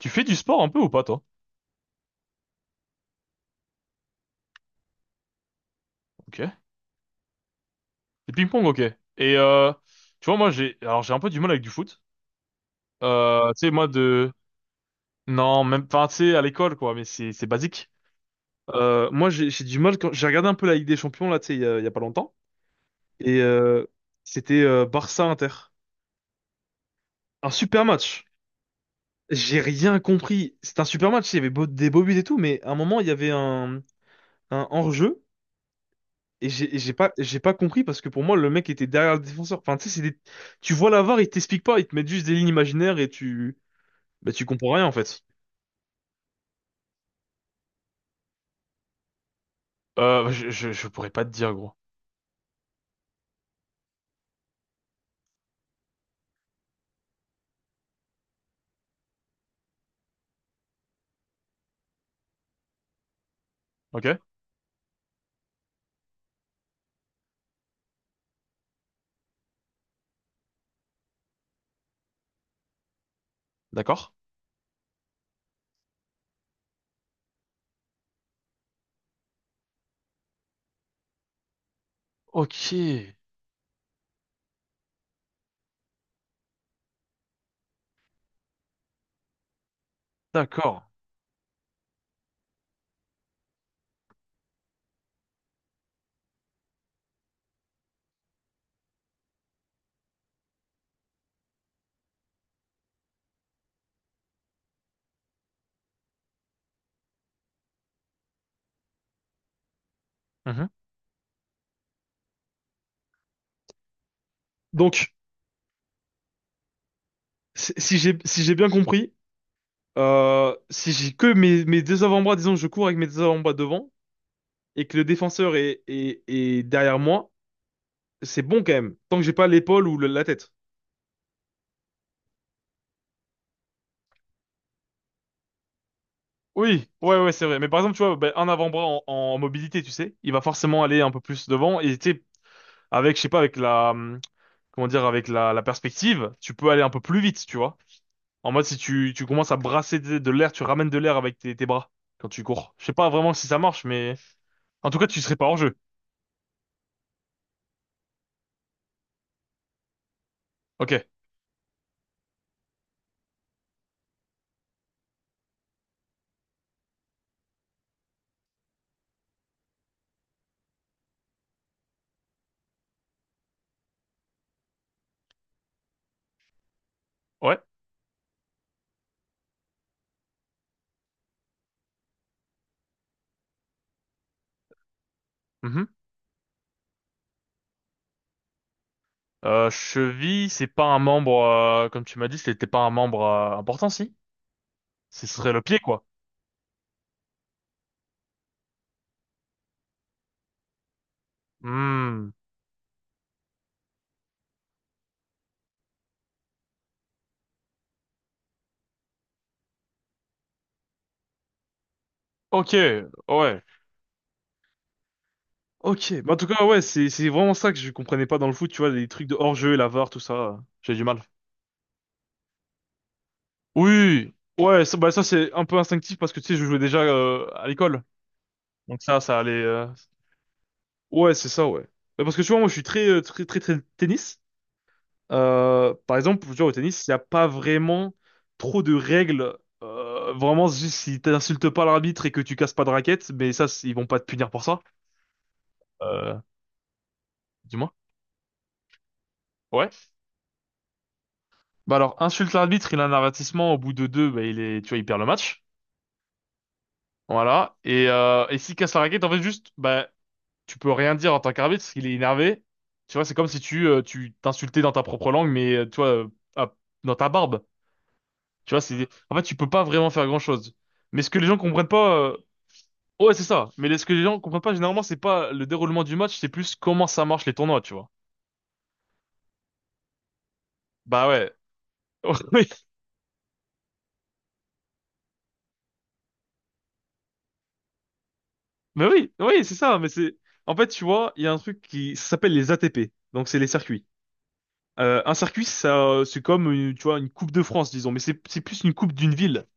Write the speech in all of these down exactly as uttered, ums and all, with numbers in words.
Tu fais du sport un peu ou pas, toi? Ok. Le ping-pong, ok. Et euh, tu vois, moi, j'ai alors j'ai un peu du mal avec du foot. Euh, tu sais, moi, de... Non, même... Enfin, tu sais, à l'école, quoi, mais c'est c'est basique. Euh, moi, j'ai j'ai du mal quand... J'ai regardé un peu la Ligue des Champions, là, tu sais, il y a, il y a pas longtemps. Et euh, c'était euh, Barça-Inter. Un super match. J'ai rien compris. C'était un super match, il y avait beau- des beaux buts et tout, mais à un moment, il y avait un, un hors-jeu. Et j'ai et j'ai pas, j'ai pas compris parce que pour moi, le mec était derrière le défenseur. Enfin, tu sais, c'est des... Tu vois la V A R, ils t'expliquent pas, ils te mettent juste des lignes imaginaires et tu, bah, tu comprends rien en fait. Euh, je, je, je pourrais pas te dire, gros. Ok? D'accord? Ok, d'accord. Mhm. Donc, si si j'ai, si j'ai bien compris, euh, si j'ai que mes, mes deux avant-bras, disons, je cours avec mes deux avant-bras devant et que le défenseur est, est, est derrière moi, c'est bon quand même, tant que j'ai pas l'épaule ou le- la tête. Oui, ouais, ouais, c'est vrai. Mais par exemple, tu vois, ben, un avant-bras en, en mobilité, tu sais, il va forcément aller un peu plus devant. Et tu sais, avec, je sais pas, avec la, hum, comment dire, avec la, la perspective, tu peux aller un peu plus vite, tu vois. En mode, si tu, tu commences à brasser de, de l'air, tu ramènes de l'air avec tes, tes bras quand tu cours. Je sais pas vraiment si ça marche, mais en tout cas, tu serais pas hors jeu. Ok. Ouais. Mhm. Euh, cheville, c'est pas un membre, euh, comme tu m'as dit, c'était pas un membre euh, important, si? Ce serait le pied, quoi. Hmm. Ok. Ouais. Ok, bah, en tout cas, ouais, c'est c'est vraiment ça que je comprenais pas dans le foot, tu vois, les trucs de hors-jeu, la V A R, tout ça, euh, j'ai du mal. Oui, ouais, ça, bah, ça c'est un peu instinctif parce que tu sais, je jouais déjà euh, à l'école, donc ça, ça allait. euh, Ouais, c'est ça, ouais. Bah, parce que tu vois, moi, je suis très, euh, très, très, très tennis. Euh, par exemple, tu vois, au tennis, il n'y a pas vraiment trop de règles. Euh, vraiment, juste si t'insultes pas l'arbitre et que tu casses pas de raquette, mais ça, c'est- ils vont pas te punir pour ça. Euh, dis-moi. Ouais. Bah alors, insulte l'arbitre, il a un avertissement, au bout de deux, bah il est, tu vois, il perd le match. Voilà. Et, euh, et s'il casse la raquette, en fait, juste, bah, tu peux rien dire en tant qu'arbitre, parce qu'il est énervé. Tu vois, c'est comme si tu, euh, tu t'insultais dans ta propre langue, mais, euh, tu vois, euh, à- dans ta barbe. Tu vois, c'est, en fait, tu peux pas vraiment faire grand-chose. Mais ce que les gens comprennent pas, euh, ouais, c'est ça. Mais ce que les gens comprennent pas, généralement, c'est pas le déroulement du match, c'est plus comment ça marche les tournois, tu vois. Bah ouais. Mais oui, oui, c'est ça. Mais c'est, en fait, tu vois, il y a un truc qui ça s'appelle les A T P. Donc c'est les circuits. Euh, un circuit, ça, c'est comme, une- tu vois, une coupe de France, disons. Mais c'est, c'est plus une coupe d'une ville.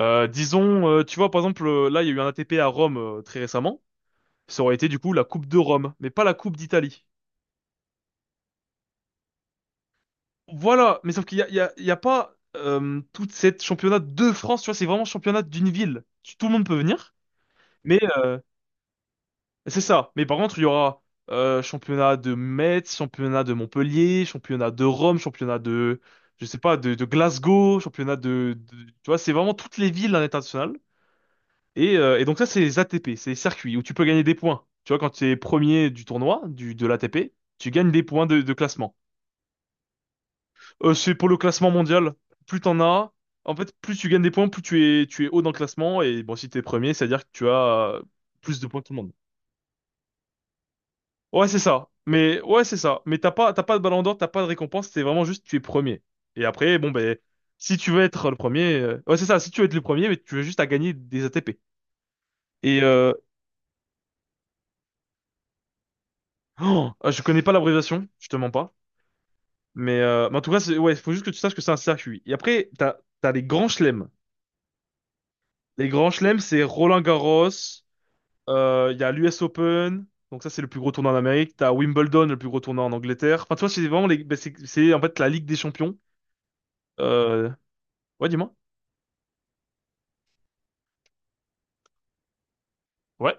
Euh, disons, euh, tu vois, par exemple, euh, là, il y a eu un A T P à Rome euh, très récemment. Ça aurait été du coup la coupe de Rome, mais pas la coupe d'Italie. Voilà. Mais sauf qu'il y a, il y a, il y a pas euh, toute cette championnat de France. Tu vois, c'est vraiment championnat d'une ville. Tu- Tout le monde peut venir. mais c'est ça. Mais par contre, il y aura euh, championnat de Metz, championnat de Montpellier, championnat de Rome, championnat de, je sais pas, de, de Glasgow, championnat de, de- tu vois, c'est vraiment toutes les villes à l'international. Et, euh, et donc ça, c'est les A T P, c'est les circuits où tu peux gagner des points. Tu vois, quand tu es premier du tournoi, du, de l'A T P, tu gagnes des points de, de classement. Euh, c'est pour le classement mondial. Plus t'en as, en fait, plus tu gagnes des points, plus tu es, tu es haut dans le classement. Et bon, si t'es premier, c'est-à-dire que tu as euh, plus de points que tout le monde. Ouais, c'est ça. Mais ouais, c'est ça. Mais t'as pas, t'as pas de ballon d'or, t'as pas de récompense, c'est vraiment juste tu es premier. Et après, bon ben, si tu veux être le premier, euh, ouais, c'est ça. Si tu veux être le premier, mais tu veux juste à gagner des A T P. Et euh... oh, ah, je connais pas l'abréviation, je te mens pas. Mais, euh... mais en tout cas, c'est... ouais, faut juste que tu saches que c'est un circuit. Et après, t'as, t'as les grands chelems. Les grands chelems, c'est Roland-Garros. Euh, Il y a l'U S Open. Donc ça, c'est le plus gros tournoi en Amérique. T'as Wimbledon, le plus gros tournoi en Angleterre. Enfin, tu vois, c'est vraiment les, ben, c'est, c'est en fait la Ligue des Champions. Euh... Ouais, dis-moi. Ouais.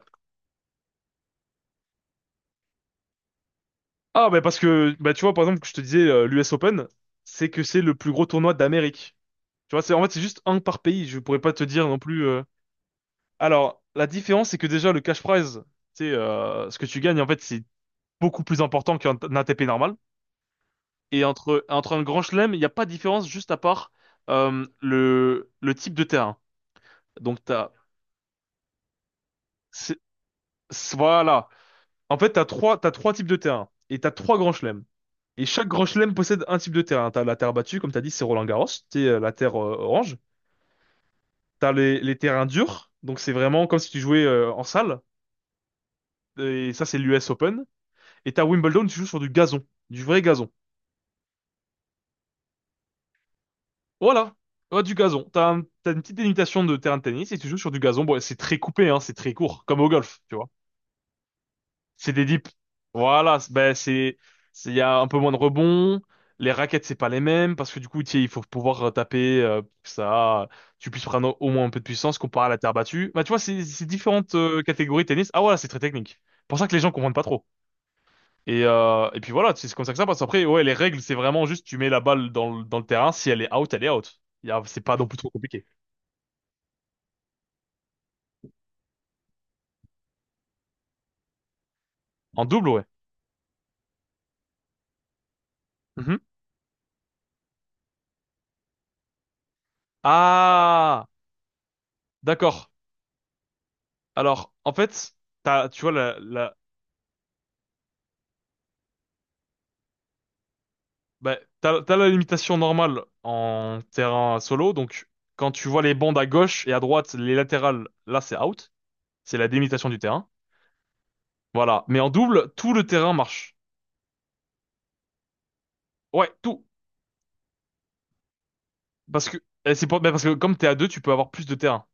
Ah, bah parce que, bah tu vois, par exemple, que je te disais, euh, l'U S Open, c'est que c'est le plus gros tournoi d'Amérique. Tu vois, c'est, en fait, c'est juste un par pays. Je pourrais pas te dire non plus. euh. Alors, la différence, c'est que déjà, le cash prize, tu sais, euh, ce que tu gagnes, en fait, c'est beaucoup plus important qu'un un A T P normal. Et entre, entre un grand chelem, il n'y a pas de différence juste à part euh, le, le type de terrain. Donc, t'as. c'est- c'est- Voilà. En fait, t'as trois, t'as trois types de terrains et t'as trois grands chelems. Et chaque grand chelem possède un type de terrain. T'as la terre battue, comme t'as dit, c'est Roland-Garros, c'est euh, la terre euh, orange. T'as les, les terrains durs, donc c'est vraiment comme si tu jouais euh, en salle. Et ça, c'est l'U S Open. Et t'as Wimbledon, tu joues sur du gazon, du vrai gazon. Voilà, Ouais, du gazon. T'as un- t'as une petite délimitation de terrain de tennis et tu joues sur du gazon. Bon, c'est très coupé, hein, c'est très court, comme au golf, tu vois. C'est des dips. Voilà, c'est- ben c'est, c'est- il y a un peu moins de rebonds. Les raquettes, c'est pas les mêmes parce que du coup, tu sais, il faut pouvoir euh, taper euh, pour que ça, tu puisses prendre au moins un peu de puissance comparé à la terre battue. Bah, tu vois, c'est c'est différentes euh, catégories de tennis. Ah voilà, c'est très technique. C'est Pour ça que les gens comprennent pas trop. Et, euh, et puis voilà, c'est c'est comme ça que ça passe. Après, ouais, les règles, c'est vraiment juste, tu mets la balle dans, le- dans le terrain. Si elle est out, elle est out. Il y a- C'est pas non plus trop compliqué. En double, ouais. Mhm. Ah, d'accord. Alors, en fait, t'as, tu vois, la, la- bah, t'as, t'as la limitation normale en terrain solo, donc quand tu vois les bandes à gauche et à droite, les latérales, là c'est out, c'est la délimitation du terrain. Voilà, mais en double, tout le terrain marche. Ouais, tout, parce que et c'est pas, bah, parce que comme t'es à deux, tu peux avoir plus de terrain.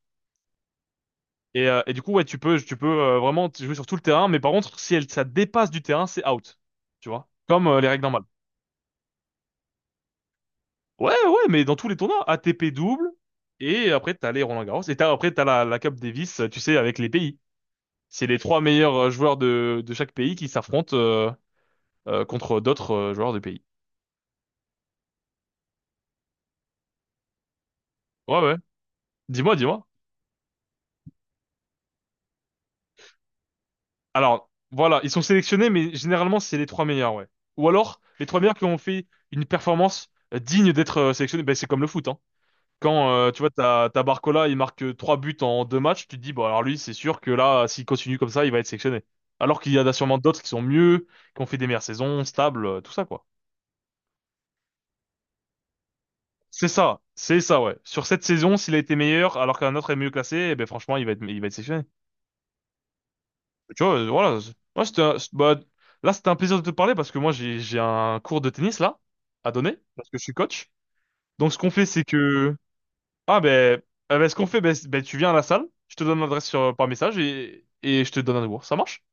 Et, euh, et du coup, ouais, tu peux, tu peux euh, vraiment jouer sur tout le terrain, mais par contre, si elle, ça dépasse du terrain, c'est out, tu vois, comme euh, les règles normales. Ouais, ouais, mais dans tous les tournois, A T P double, et après t'as les Roland-Garros, et t'as, après t'as la, la Cup Davis, euh, tu sais, avec les pays. C'est les trois meilleurs euh, joueurs de, de chaque pays qui s'affrontent euh, euh, contre d'autres euh, joueurs de pays. Ouais, ouais. Dis-moi, dis-moi. Alors, voilà, ils sont sélectionnés, mais généralement, c'est les trois meilleurs, ouais. Ou alors, les trois meilleurs qui ont fait une performance euh, digne d'être euh, sélectionnés. Ben, c'est comme le foot, hein. Quand, euh, tu vois, t'as, t'as Barcola, il marque euh, trois buts en deux matchs, tu te dis, bon, alors lui, c'est sûr que là, s'il continue comme ça, il va être sélectionné. Alors qu'il y en a sûrement d'autres qui sont mieux, qui ont fait des meilleures saisons, stables, euh, tout ça, quoi. C'est ça, c'est ça, ouais. Sur cette saison, s'il a été meilleur alors qu'un autre est mieux classé, eh ben franchement, il va être, il va être sélectionné. Tu vois, euh, voilà. c'est- Moi, c'était, un- c'est- bah, là, c'était un plaisir de te parler parce que moi, j'ai, j'ai un cours de tennis là à donner parce que je suis coach. Donc, ce qu'on fait, c'est que, ah ben, ah, ben, ce qu'on fait, ben, c'est- ben, tu viens à la salle, je te donne l'adresse sur par message et et je te donne un cours. Ça marche?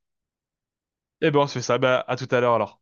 Eh ben, on se fait ça. Ben, à tout à l'heure alors.